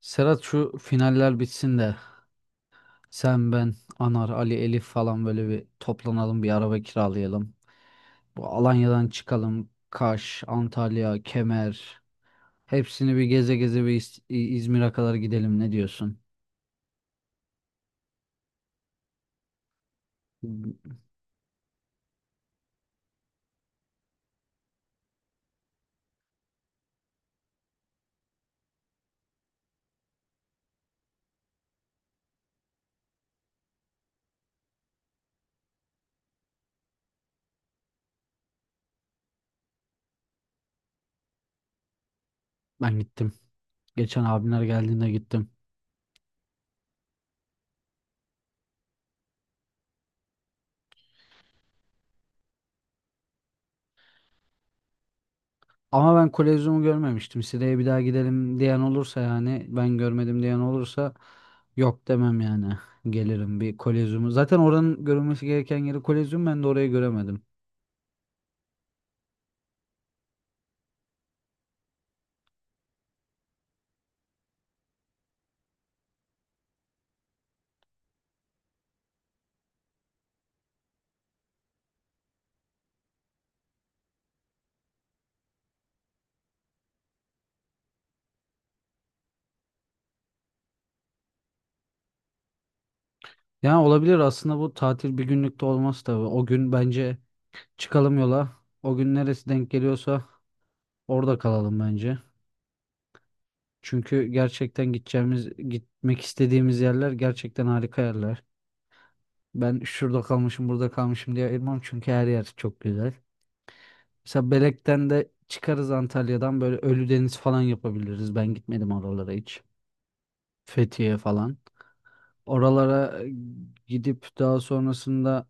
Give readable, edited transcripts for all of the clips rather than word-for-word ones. Serhat şu finaller bitsin de sen ben Anar Ali Elif falan böyle bir toplanalım, bir araba kiralayalım. Bu Alanya'dan çıkalım, Kaş, Antalya, Kemer hepsini bir geze geze bir İzmir'e kadar gidelim, ne diyorsun? Ben gittim. Geçen abimler geldiğinde gittim. Ama ben Kolezyum'u görmemiştim. Sire'ye bir daha gidelim diyen olursa, yani ben görmedim diyen olursa yok demem yani. Gelirim bir Kolezyum'u. Zaten oranın görülmesi gereken yeri Kolezyum, ben de orayı göremedim. Yani olabilir aslında, bu tatil bir günlük de olmaz tabii. O gün bence çıkalım yola. O gün neresi denk geliyorsa orada kalalım bence. Çünkü gerçekten gideceğimiz, gitmek istediğimiz yerler gerçekten harika yerler. Ben şurada kalmışım, burada kalmışım diye ayırmam, çünkü her yer çok güzel. Mesela Belek'ten de çıkarız, Antalya'dan böyle Ölüdeniz falan yapabiliriz. Ben gitmedim oralara hiç. Fethiye falan. Oralara gidip daha sonrasında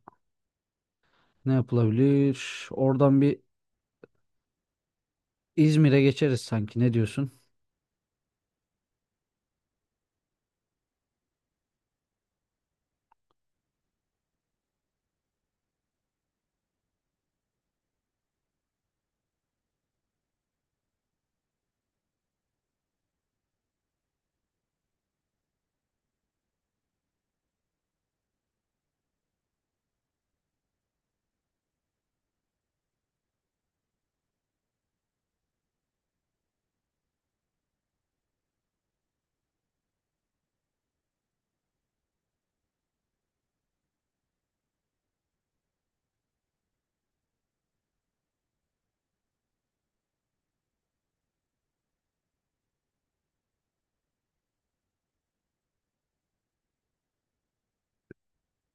ne yapılabilir? Oradan bir İzmir'e geçeriz sanki. Ne diyorsun?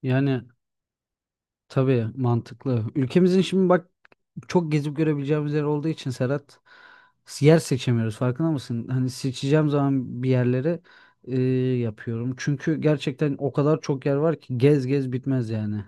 Yani tabii mantıklı. Ülkemizin şimdi bak çok gezip görebileceğimiz yer olduğu için Serhat, yer seçemiyoruz. Farkında mısın? Hani seçeceğim zaman bir yerleri e, yapıyorum. Çünkü gerçekten o kadar çok yer var ki gez gez bitmez yani.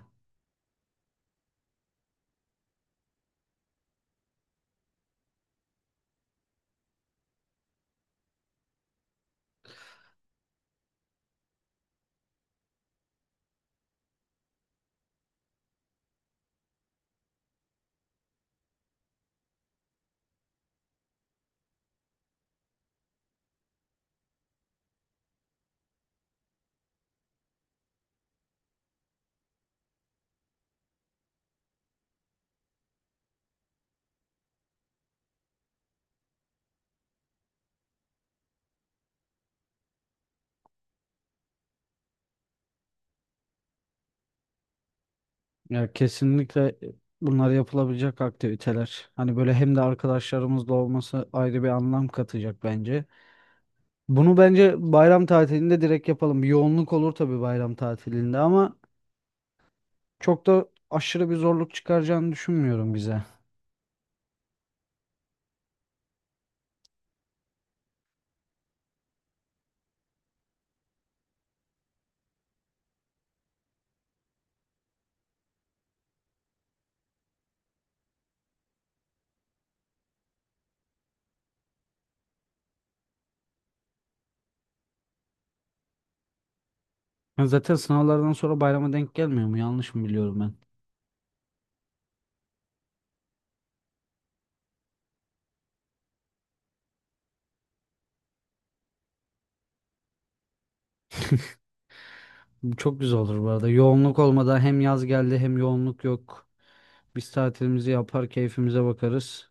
Ya kesinlikle bunlar yapılabilecek aktiviteler. Hani böyle, hem de arkadaşlarımızla olması ayrı bir anlam katacak bence. Bunu bence bayram tatilinde direkt yapalım. Bir yoğunluk olur tabii bayram tatilinde ama çok da aşırı bir zorluk çıkaracağını düşünmüyorum bize. Ya zaten sınavlardan sonra bayrama denk gelmiyor mu? Yanlış mı biliyorum ben? Bu çok güzel olur bu arada. Yoğunluk olmadan, hem yaz geldi hem yoğunluk yok. Biz tatilimizi yapar, keyfimize bakarız.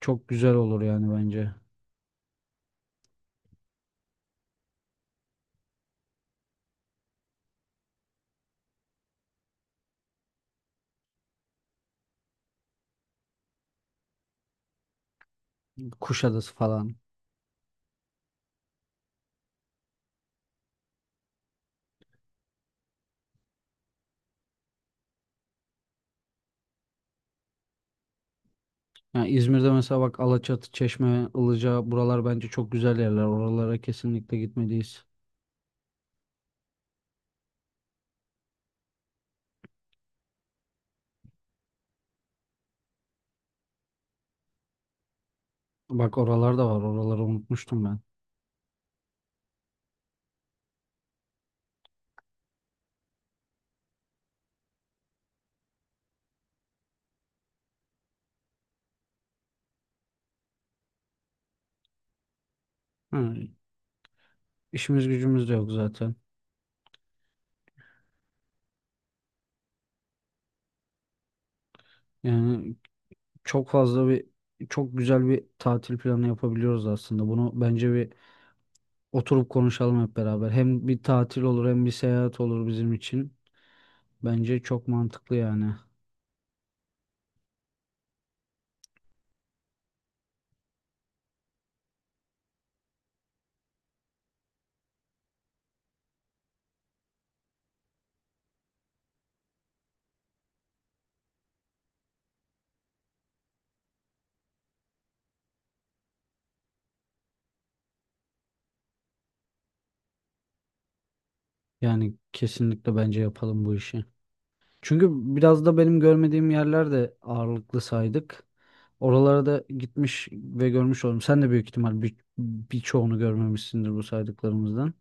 Çok güzel olur yani bence. Kuşadası falan. Yani İzmir'de mesela bak Alaçatı, Çeşme, Ilıca buralar bence çok güzel yerler. Oralara kesinlikle gitmeliyiz. Bak oralar da var. Oraları unutmuştum ben. Ha, işimiz gücümüz de yok zaten. Yani çok fazla bir çok güzel bir tatil planı yapabiliyoruz aslında. Bunu bence bir oturup konuşalım hep beraber. Hem bir tatil olur hem bir seyahat olur bizim için. Bence çok mantıklı yani. Yani kesinlikle bence yapalım bu işi. Çünkü biraz da benim görmediğim yerler de ağırlıklı saydık. Oralara da gitmiş ve görmüş oldum. Sen de büyük ihtimal birçoğunu görmemişsindir bu saydıklarımızdan.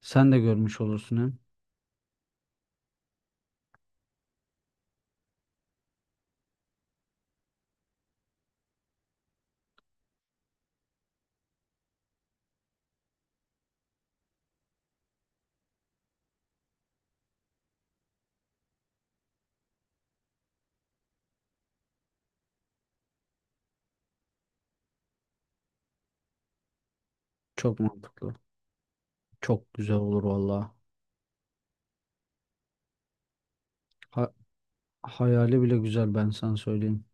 Sen de görmüş olursun hem. Çok mantıklı. Çok güzel olur valla. Hayali bile güzel, ben sana söyleyeyim.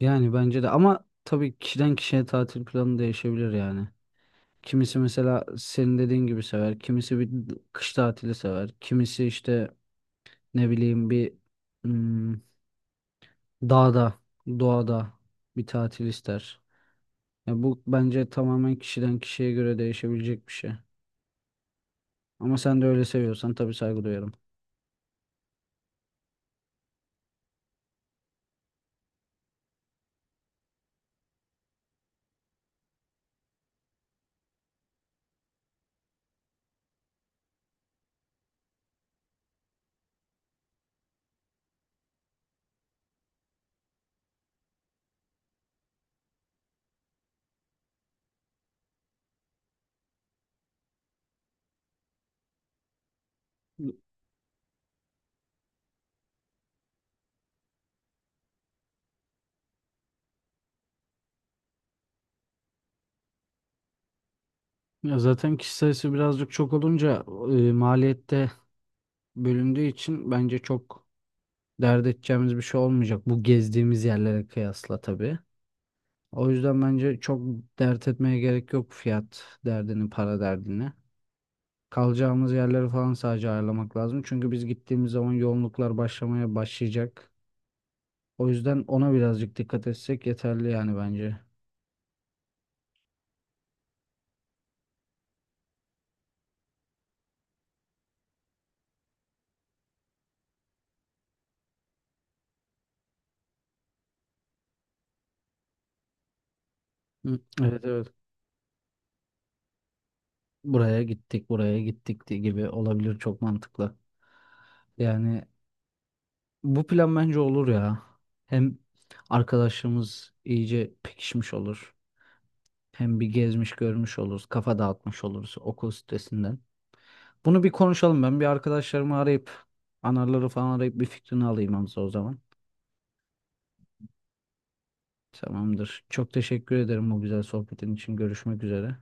Yani bence de, ama tabii kişiden kişiye tatil planı değişebilir yani. Kimisi mesela senin dediğin gibi sever. Kimisi bir kış tatili sever. Kimisi işte ne bileyim bir hmm, dağda, doğada bir tatil ister. Ya bu bence tamamen kişiden kişiye göre değişebilecek bir şey. Ama sen de öyle seviyorsan tabii saygı duyarım. Ya zaten kişi sayısı birazcık çok olunca maliyette bölündüğü için bence çok dert edeceğimiz bir şey olmayacak. Bu gezdiğimiz yerlere kıyasla tabii. O yüzden bence çok dert etmeye gerek yok fiyat derdini, para derdini. Kalacağımız yerleri falan sadece ayarlamak lazım. Çünkü biz gittiğimiz zaman yoğunluklar başlamaya başlayacak. O yüzden ona birazcık dikkat etsek yeterli yani bence. Hı, evet evet. Buraya gittik, buraya gittik diye gibi olabilir, çok mantıklı. Yani bu plan bence olur ya. Hem arkadaşımız iyice pekişmiş olur. Hem bir gezmiş görmüş oluruz, kafa dağıtmış oluruz okul stresinden. Bunu bir konuşalım. Ben bir arkadaşlarımı arayıp, anarları falan arayıp bir fikrini alayım Hamza o zaman. Tamamdır. Çok teşekkür ederim bu güzel sohbetin için. Görüşmek üzere.